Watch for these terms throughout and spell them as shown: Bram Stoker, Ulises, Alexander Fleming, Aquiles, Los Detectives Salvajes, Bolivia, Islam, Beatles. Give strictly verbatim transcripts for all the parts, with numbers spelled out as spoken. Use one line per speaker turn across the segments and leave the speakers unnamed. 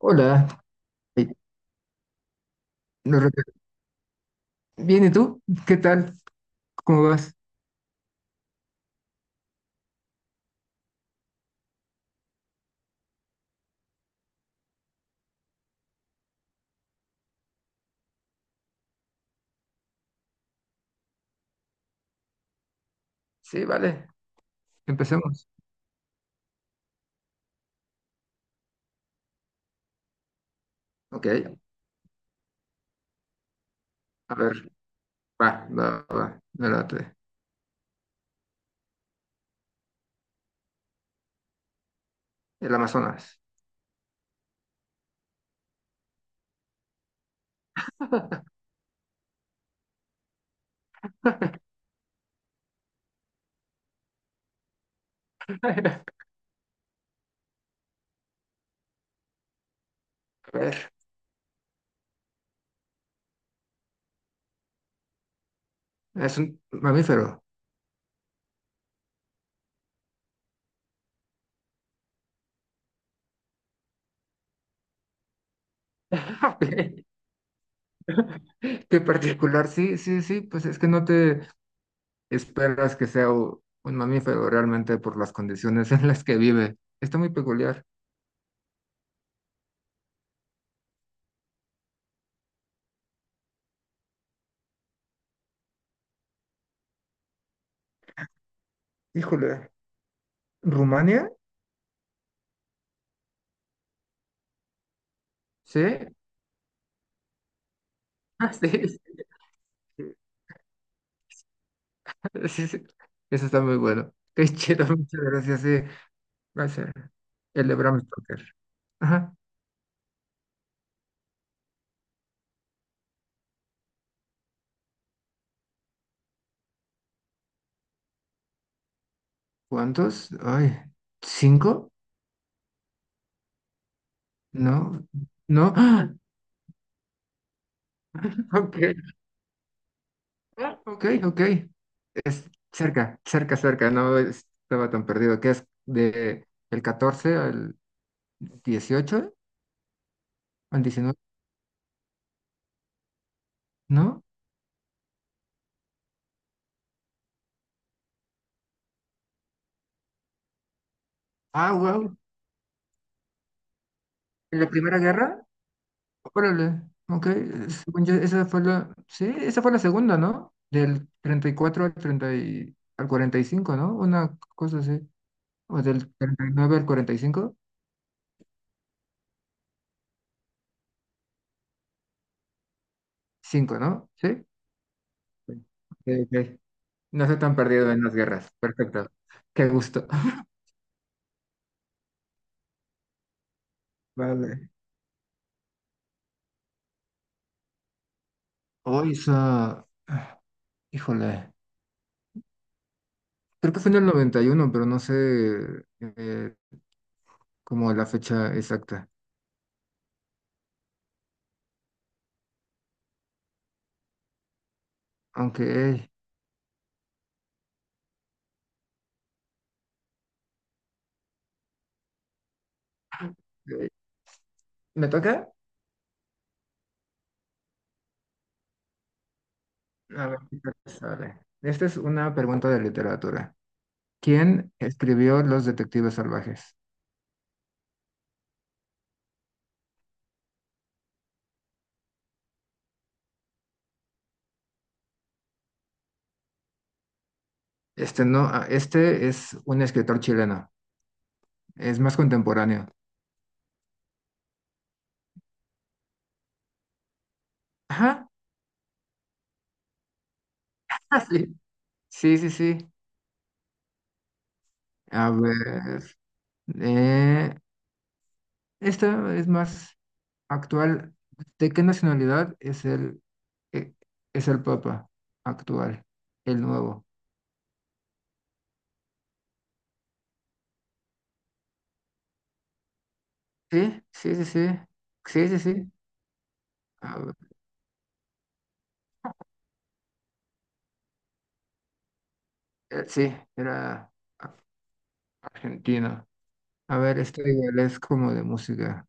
Hola, eh, no rec- bien, ¿y tú? ¿Qué tal? ¿Cómo vas? Sí, vale, empecemos. Ok, a ver, va, va, va, me late. El Amazonas. A ver, es un mamífero. Ok, qué particular, sí, sí, sí, pues es que no te esperas que sea u- un mamífero realmente por las condiciones en las que vive. Está muy peculiar. Híjole, ¿Rumania? Sí, ah, sí. Sí, sí. Eso está muy bueno. Qué chido, muchas gracias. Sí, va a ser el de Bram Stoker. Ajá. ¿Cuántos? Ay, ¿cinco? No, no. ¡Ah! Ok, ah, ok, ok. Es cerca, cerca, cerca. No estaba tan perdido. ¿Qué es? De el catorce al dieciocho. ¿Al diecinueve? ¿No? Ah, wow. ¿En la Primera Guerra? Órale, ok. eh, Según yo, esa fue la, sí, esa fue la segunda, ¿no? Del treinta y cuatro al treinta y- al cuarenta y cinco, ¿no? Una cosa así. O del treinta y nueve al cuarenta y cinco, cinco, ¿no? Sí. Sí. Ok, ok. No estoy tan perdido en las guerras. Perfecto. Qué gusto. Vale. Hoy esa, ah, híjole, creo que fue en el noventa y uno, pero no sé eh, como la fecha exacta. Aunque, eh, ¿me toca? A ver, ¿qué tal te sale? Esta es una pregunta de literatura. ¿Quién escribió Los Detectives Salvajes? Este no, ah, este es un escritor chileno. Es más contemporáneo. Ajá. Ah, sí. Sí, sí, sí. A ver. eh, Esta es más actual. ¿De qué nacionalidad es el, eh, es el Papa actual? El nuevo. Sí, sí, sí, sí. Sí, sí, sí. A ver, eh, sí, era a- argentino. A ver, esta igual es como de música.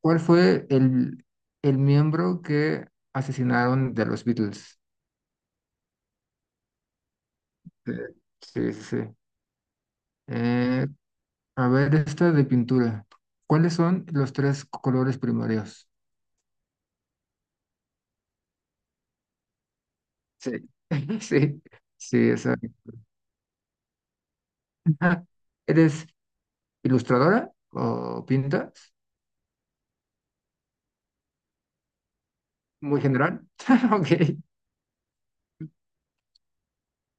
¿Cuál fue el, el miembro que asesinaron de los Beatles? Eh, Sí, sí, sí. Eh, a ver, esta de pintura. ¿Cuáles son los tres colores primarios? Sí, sí, sí, esa. ¿Eres ilustradora o pintas? Muy general. Ok,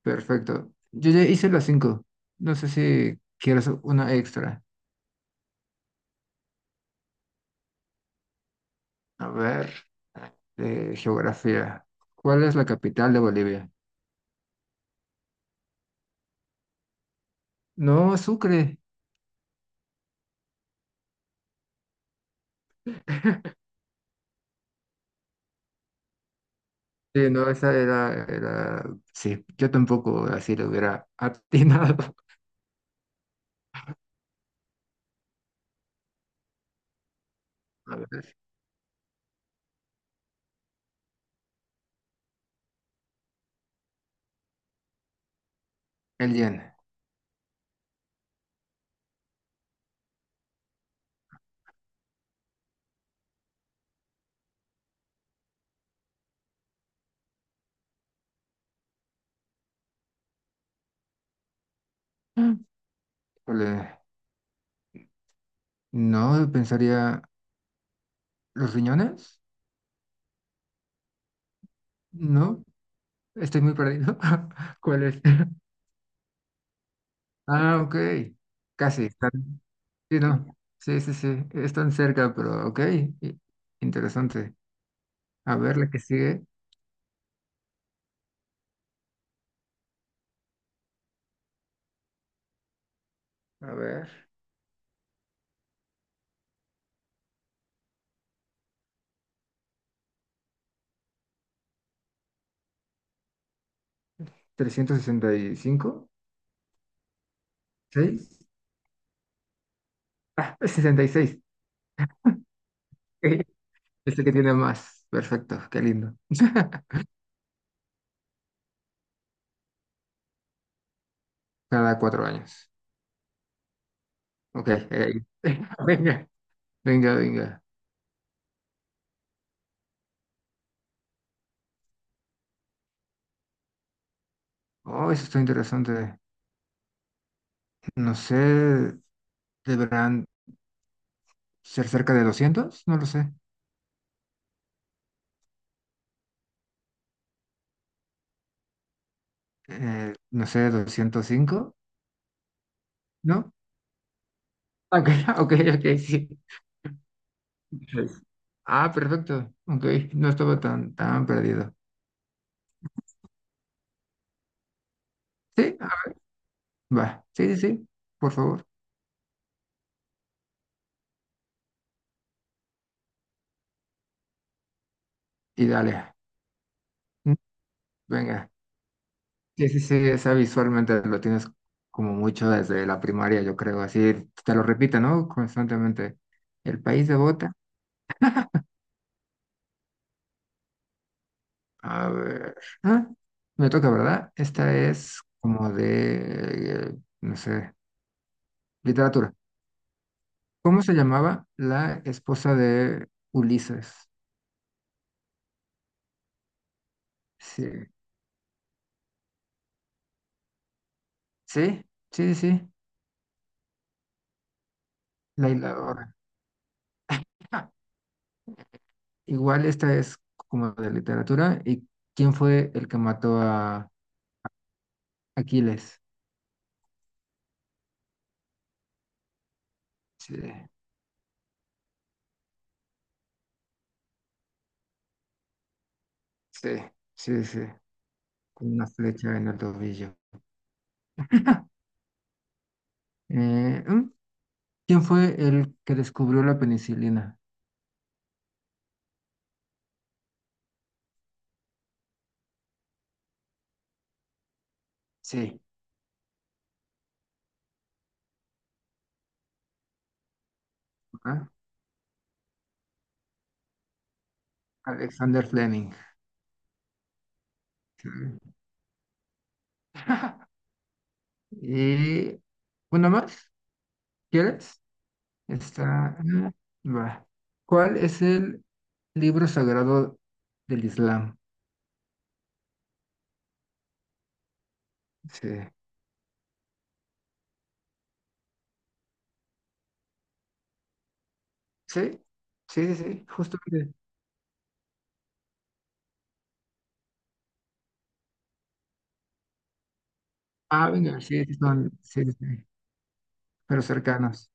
perfecto. Yo ya hice las cinco. No sé si quieres una extra. A ver, de geografía. ¿Cuál es la capital de Bolivia? No, Sucre. Sí, no, esa era, era... Sí, yo tampoco así lo hubiera atinado. A ver, el yen. Mm. Híjole, no, pensaría. ¿Los riñones? No, estoy muy perdido. ¿Cuál es? Ah, ok. Casi. están- Sí, no. Sí, sí, sí. Están cerca, pero ok. i- Interesante. A ver, la que sigue. A ver. Trescientos sesenta y cinco. Seis. Ah, es sesenta y seis. Este que tiene más. Perfecto, qué lindo. Cada cuatro años. Ok, eh, venga, venga, venga. Oh, eso está interesante. No sé, deberán ser cerca de doscientos, no lo sé. Eh, no sé, doscientos cinco, ¿no? Ok, ok, ok, sí. Seis. Ah, perfecto. Ok, no estaba tan, tan perdido. Sí, ah, va. Sí, sí, sí, por favor. Y dale. Venga, sí, sí, sí, esa visualmente lo tienes como mucho desde la primaria, yo creo, así te lo repite, ¿no? Constantemente. El país de Bota, a ver, ah, me toca, ¿verdad? Esta es como de, eh, no sé, literatura. ¿Cómo se llamaba la esposa de Ulises? Sí, sí, sí, sí, la hiladora. Ah, igual esta es como de literatura. ¿Y quién fue el que mató a Aquiles? Sí. Sí, sí, sí, con una flecha en el tobillo. Eh, ¿mm? ¿Quién fue el que descubrió la penicilina? Sí. ¿Ah? Alexander Fleming. Sí. Y una más, ¿quieres? Está. ah, Va. ¿Cuál es el libro sagrado del Islam? Sí. Sí, sí, sí, sí, justamente. Ah, venga, sí, sí, son, sí, sí, sí, pero cercanos.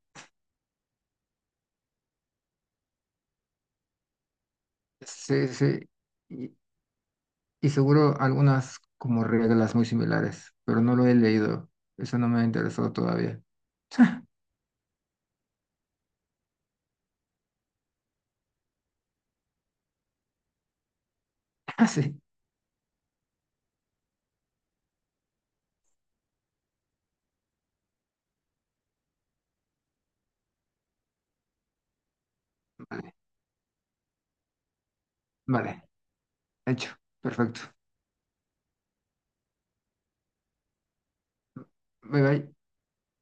Sí, sí. Y, Y seguro algunas como reglas muy similares, pero no lo he leído. Eso no me ha interesado todavía. Ah, sí. Vale, vale. Hecho. Perfecto. Bye bye.